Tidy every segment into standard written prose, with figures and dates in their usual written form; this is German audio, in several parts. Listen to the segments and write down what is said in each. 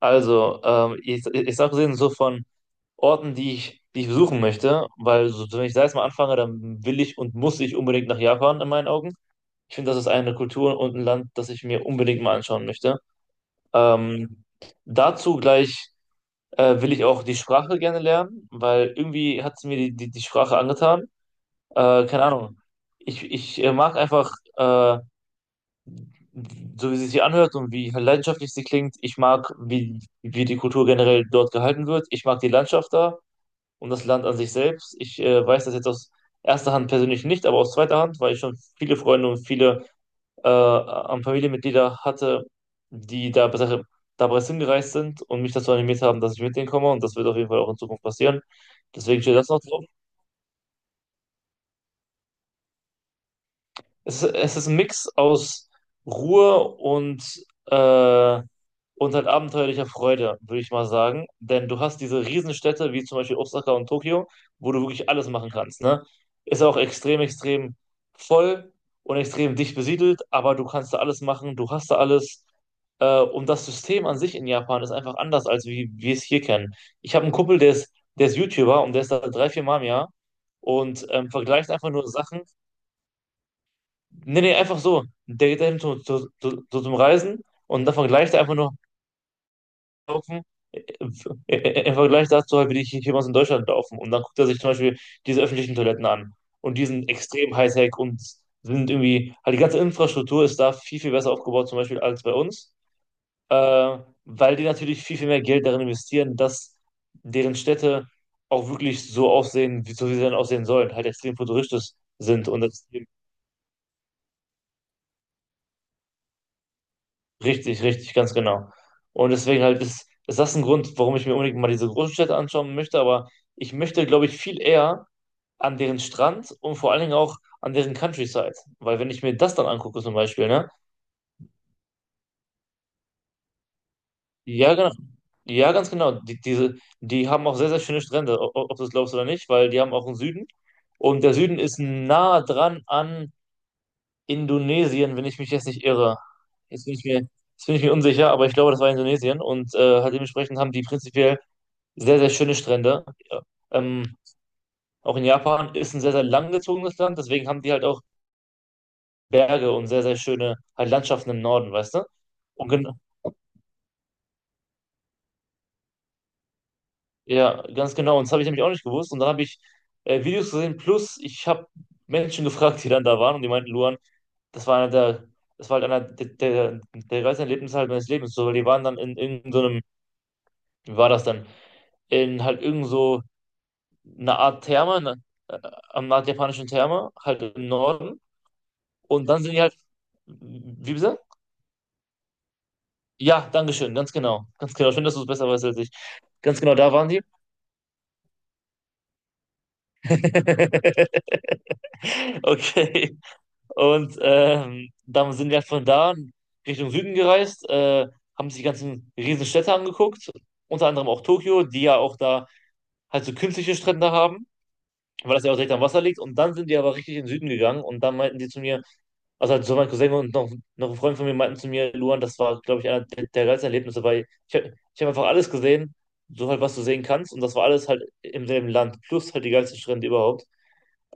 Ich sag gesehen, so von Orten, die ich besuchen möchte, weil so, wenn ich da jetzt mal anfange, dann will ich und muss ich unbedingt nach Japan in meinen Augen. Ich finde, das ist eine Kultur und ein Land, das ich mir unbedingt mal anschauen möchte. Ähm, Dazu gleich will ich auch die Sprache gerne lernen, weil irgendwie hat es mir die Sprache angetan. Keine Ahnung. Ich mag einfach so, wie sie sich anhört und wie leidenschaftlich sie klingt. Ich mag, wie die Kultur generell dort gehalten wird. Ich mag die Landschaft da und das Land an sich selbst. Ich weiß das jetzt aus erster Hand persönlich nicht, aber aus zweiter Hand, weil ich schon viele Freunde und viele an Familienmitglieder hatte, die da bereits hingereist sind und mich dazu animiert haben, dass ich mit denen komme, und das wird auf jeden Fall auch in Zukunft passieren. Deswegen steht das noch drauf. Es ist ein Mix aus Ruhe und, äh, und halt abenteuerlicher Freude, würde ich mal sagen. Denn du hast diese Riesenstädte, wie zum Beispiel Osaka und Tokio, wo du wirklich alles machen kannst, ne? Ist auch extrem voll und extrem dicht besiedelt, aber du kannst da alles machen, du hast da alles. Und das System an sich in Japan ist einfach anders, als wie wir es hier kennen. Ich habe einen Kumpel, der ist YouTuber und der ist da drei, vier Mal im Jahr und vergleicht einfach nur Sachen. Nee, nee, einfach so. Der geht dahin zum Reisen und dann vergleicht er einfach nur laufen, im Vergleich dazu halt, wie hier bei in Deutschland laufen. Und dann guckt er sich zum Beispiel diese öffentlichen Toiletten an. Und die sind extrem Hightech und sind irgendwie, halt die ganze Infrastruktur ist da viel besser aufgebaut, zum Beispiel als bei uns. Äh, weil die natürlich viel mehr Geld darin investieren, dass deren Städte auch wirklich so aussehen, wie so wie sie dann aussehen sollen, halt extrem futuristisch sind. Und das richtig, richtig, ganz genau. Und deswegen halt ist das ein Grund, warum ich mir unbedingt mal diese großen Städte anschauen möchte, aber ich möchte, glaube ich, viel eher an deren Strand und vor allen Dingen auch an deren Countryside. Weil wenn ich mir das dann angucke zum Beispiel, ne? Ja, genau. Ja, ganz genau. Die haben auch sehr, sehr schöne Strände, ob du es glaubst oder nicht, weil die haben auch einen Süden. Und der Süden ist nah dran an Indonesien, wenn ich mich jetzt nicht irre. Jetzt bin ich mir, jetzt bin ich mir unsicher, aber ich glaube, das war Indonesien. Und halt dementsprechend haben die prinzipiell sehr, sehr schöne Strände. Ja. Ähm, auch in Japan ist ein sehr, sehr langgezogenes Land, deswegen haben die halt auch Berge und sehr, sehr schöne halt Landschaften im Norden, weißt du? Und gen Ja, ganz genau. Und das habe ich nämlich auch nicht gewusst. Und dann habe ich Videos gesehen, plus ich habe Menschen gefragt, die dann da waren, und die meinten, Luan, das war einer der, das war halt einer der geilsten Erlebnisse halt meines Lebens. So, weil die waren dann in irgendeinem, so einem- wie war das dann? In halt irgend so eine Art Therme, ne, am nordjapanischen Therme, halt im Norden. Und dann sind die halt, wie bitte? Ja, danke schön. Ganz genau. Ganz genau. Schön, dass du es besser weißt als ich. Ganz genau, da waren die. Okay. Und dann sind wir halt von da Richtung Süden gereist, haben sich die ganzen Riesenstädte angeguckt, unter anderem auch Tokio, die ja auch da halt so künstliche Strände haben, weil das ja auch direkt am Wasser liegt. Und dann sind die aber richtig in den Süden gegangen, und dann meinten die zu mir, Also halt so mein Cousin und noch, noch ein Freund von mir meinten zu mir, Luan, das war, glaube ich, einer der geilsten Erlebnisse, weil ich habe einfach alles gesehen, so halt, was du sehen kannst, und das war alles halt im selben Land, plus halt die geilste Strände überhaupt.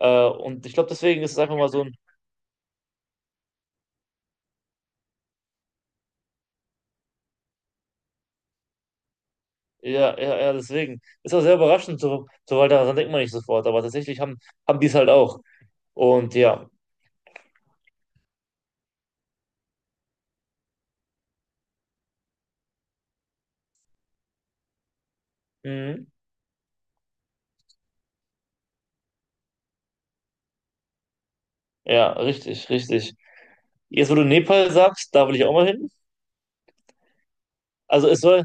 Und ich glaube, deswegen ist es einfach mal so ein, ja, ja, ja, deswegen. Ist auch sehr überraschend, weil daran denkt man nicht sofort, aber haben die es halt auch. Und ja, mhm, ja, richtig, richtig. Jetzt, wo du Nepal sagst, da will ich auch mal hin. Also es soll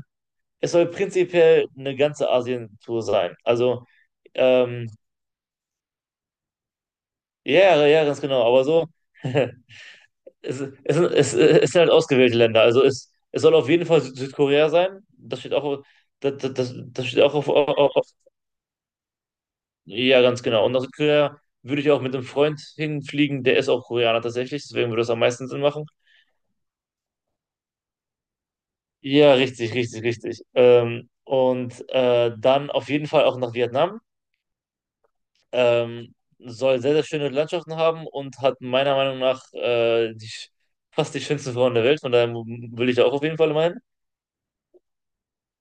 Es soll prinzipiell eine ganze Asien-Tour sein. Also, ähm, ja, ja, ja, ganz genau. Aber so, es sind halt ausgewählte Länder. Also, es soll auf jeden Fall Südkorea sein. Das das steht auch auf, ja, ganz genau. Und nach Südkorea würde ich auch mit einem Freund hinfliegen, der ist auch Koreaner tatsächlich. Deswegen würde das am meisten Sinn machen. Ja, richtig, richtig, richtig. Und dann auf jeden Fall auch nach Vietnam. Soll sehr, sehr schöne Landschaften haben und hat meiner Meinung nach fast die schönsten Frauen der Welt. Von daher will ich da auch auf jeden Fall meinen.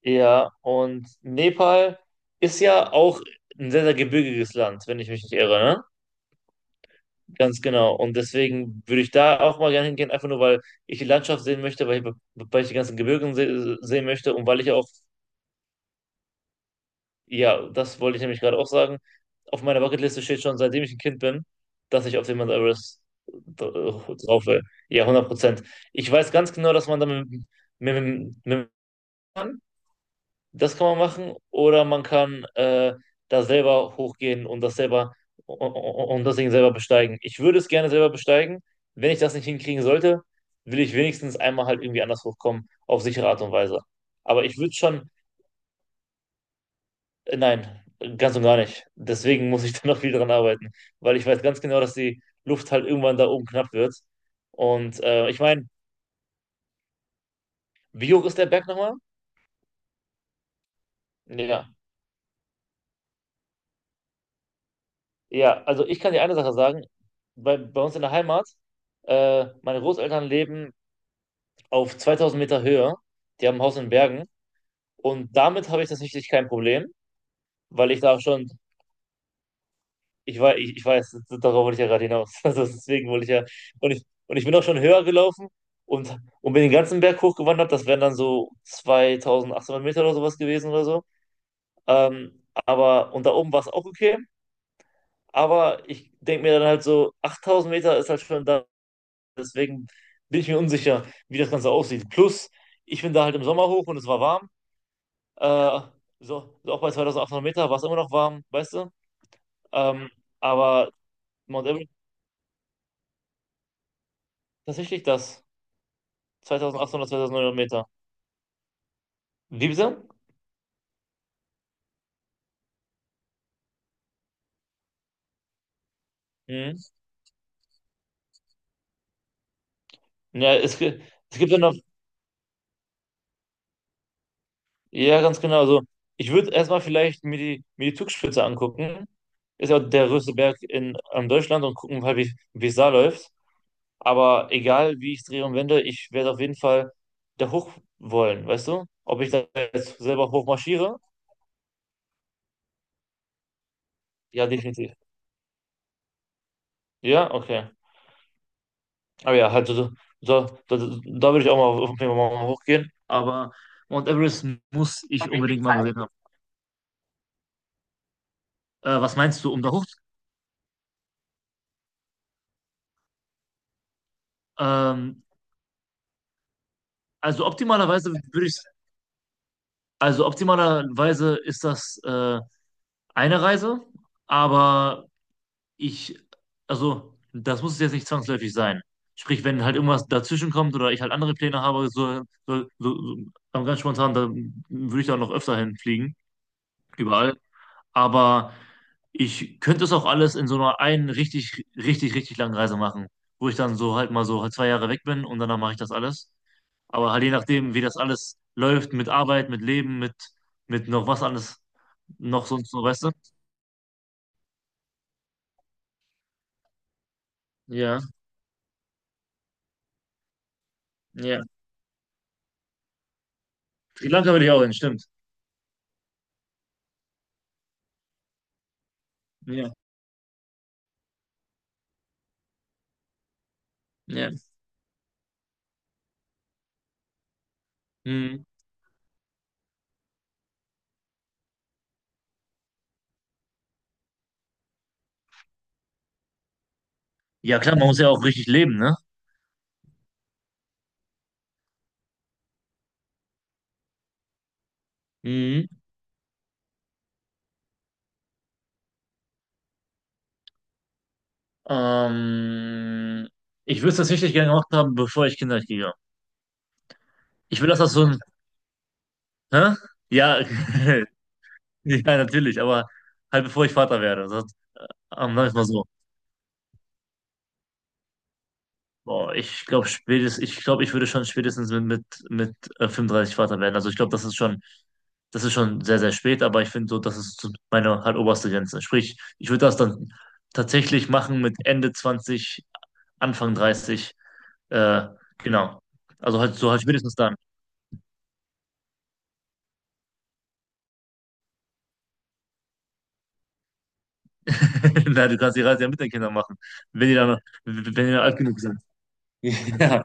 Ja, und Nepal ist ja auch ein sehr, sehr gebirgiges Land, wenn ich mich nicht irre, ne? Ganz genau. Und deswegen würde ich da auch mal gerne hingehen, einfach nur, weil ich die Landschaft sehen möchte, weil ich die ganzen Gebirge se sehen möchte, und weil ich auch ja, das wollte ich nämlich gerade auch sagen. Auf meiner Bucketliste steht schon, seitdem ich ein Kind bin, dass ich auf den Mount Everest drauf will. Ja, 100%. Ich weiß ganz genau, dass man da mit, mit das kann man machen, oder man kann da selber hochgehen und das selber und das Ding selber besteigen. Ich würde es gerne selber besteigen. Wenn ich das nicht hinkriegen sollte, will ich wenigstens einmal halt irgendwie anders hochkommen, auf sichere Art und Weise. Aber ich würde schon, nein, ganz und gar nicht. Deswegen muss ich da noch viel dran arbeiten, weil ich weiß ganz genau, dass die Luft halt irgendwann da oben knapp wird. Und ich meine, wie hoch ist der Berg nochmal? Ja. Ja, also ich kann dir eine Sache sagen. Bei uns in der Heimat, meine Großeltern leben auf 2000 Meter Höhe. Die haben ein Haus in Bergen. Und damit habe ich tatsächlich kein Problem, weil ich da schon ich weiß, ich weiß, darauf wollte ich ja gerade hinaus. Also deswegen wollte ich ja. Und ich bin auch schon höher gelaufen und, und bin den ganzen Berg hochgewandert. Das wären dann so 2800 Meter oder sowas gewesen oder so. Aber und da oben war es auch okay. Aber ich denke mir dann halt so, 8000 Meter ist halt schon da. Deswegen bin ich mir unsicher, wie das Ganze aussieht. Plus, ich bin da halt im Sommer hoch und es war warm. Äh, Auch bei 2800 Meter war es immer noch warm, weißt du? Ähm, aber Mount Everest, tatsächlich das. 2800, 2900 Meter. Wie bitte? Mhm. Ja, es, gi- es gibt ja noch, ja, ganz genau. Also, ich würde erstmal vielleicht mir mir die Zugspitze angucken. Ist ja der größte Berg in Deutschland, und gucken halt, wie wie es da läuft. Aber egal, wie ich es drehe und wende, ich werde auf jeden Fall da hoch wollen, weißt du? Ob ich da jetzt selber hoch marschiere? Ja, definitiv. Ja, okay. Aber ja, halt, so, so, so, da, da würde ich auch mal auf jeden Fall mal hochgehen. Aber Mount Everest muss ich unbedingt mal gesehen haben. Was meinst du, um da hoch? Ähm, also optimalerweise würde ich, also optimalerweise ist das eine Reise, aber ich, also das muss es jetzt nicht zwangsläufig sein. Sprich, wenn halt irgendwas dazwischen kommt oder ich halt andere Pläne habe, so, so, so, so aber ganz spontan, dann würde ich da noch öfter hinfliegen, überall. Aber ich könnte es auch alles in so einer einen richtig, richtig, richtig langen Reise machen, wo ich dann so halt mal so halt 2 Jahre weg bin und danach mache ich das alles. Aber halt je nachdem, wie das alles läuft, mit Arbeit, mit Leben, mit noch was alles, noch sonst so, weißt du? Ja, ja. Sri Lanka würde ich auch hin, stimmt. Ja, ja. Mhm. Ja, klar, man muss ja auch richtig leben, ne? Mhm. Ähm, ich würde es tatsächlich gerne gemacht haben, bevor ich Kinder kriege. Ich will, dass das so ein, hä? Ja, ja, natürlich, aber halt bevor ich Vater werde. Das, sag ich mal so. Boah, ich glaube spätestens, ich glaube, ich würde schon spätestens mit, mit 35 Vater werden. Also ich glaube, das ist schon sehr, sehr spät, aber ich finde so, das ist so meine halt oberste Grenze. Sprich, ich würde das dann tatsächlich machen mit Ende 20, Anfang 30. Äh, genau. Also halt so halt spätestens dann. Na, du kannst die Reise ja mit den Kindern machen, wenn die dann, wenn die dann alt genug sind. Ja, Kinder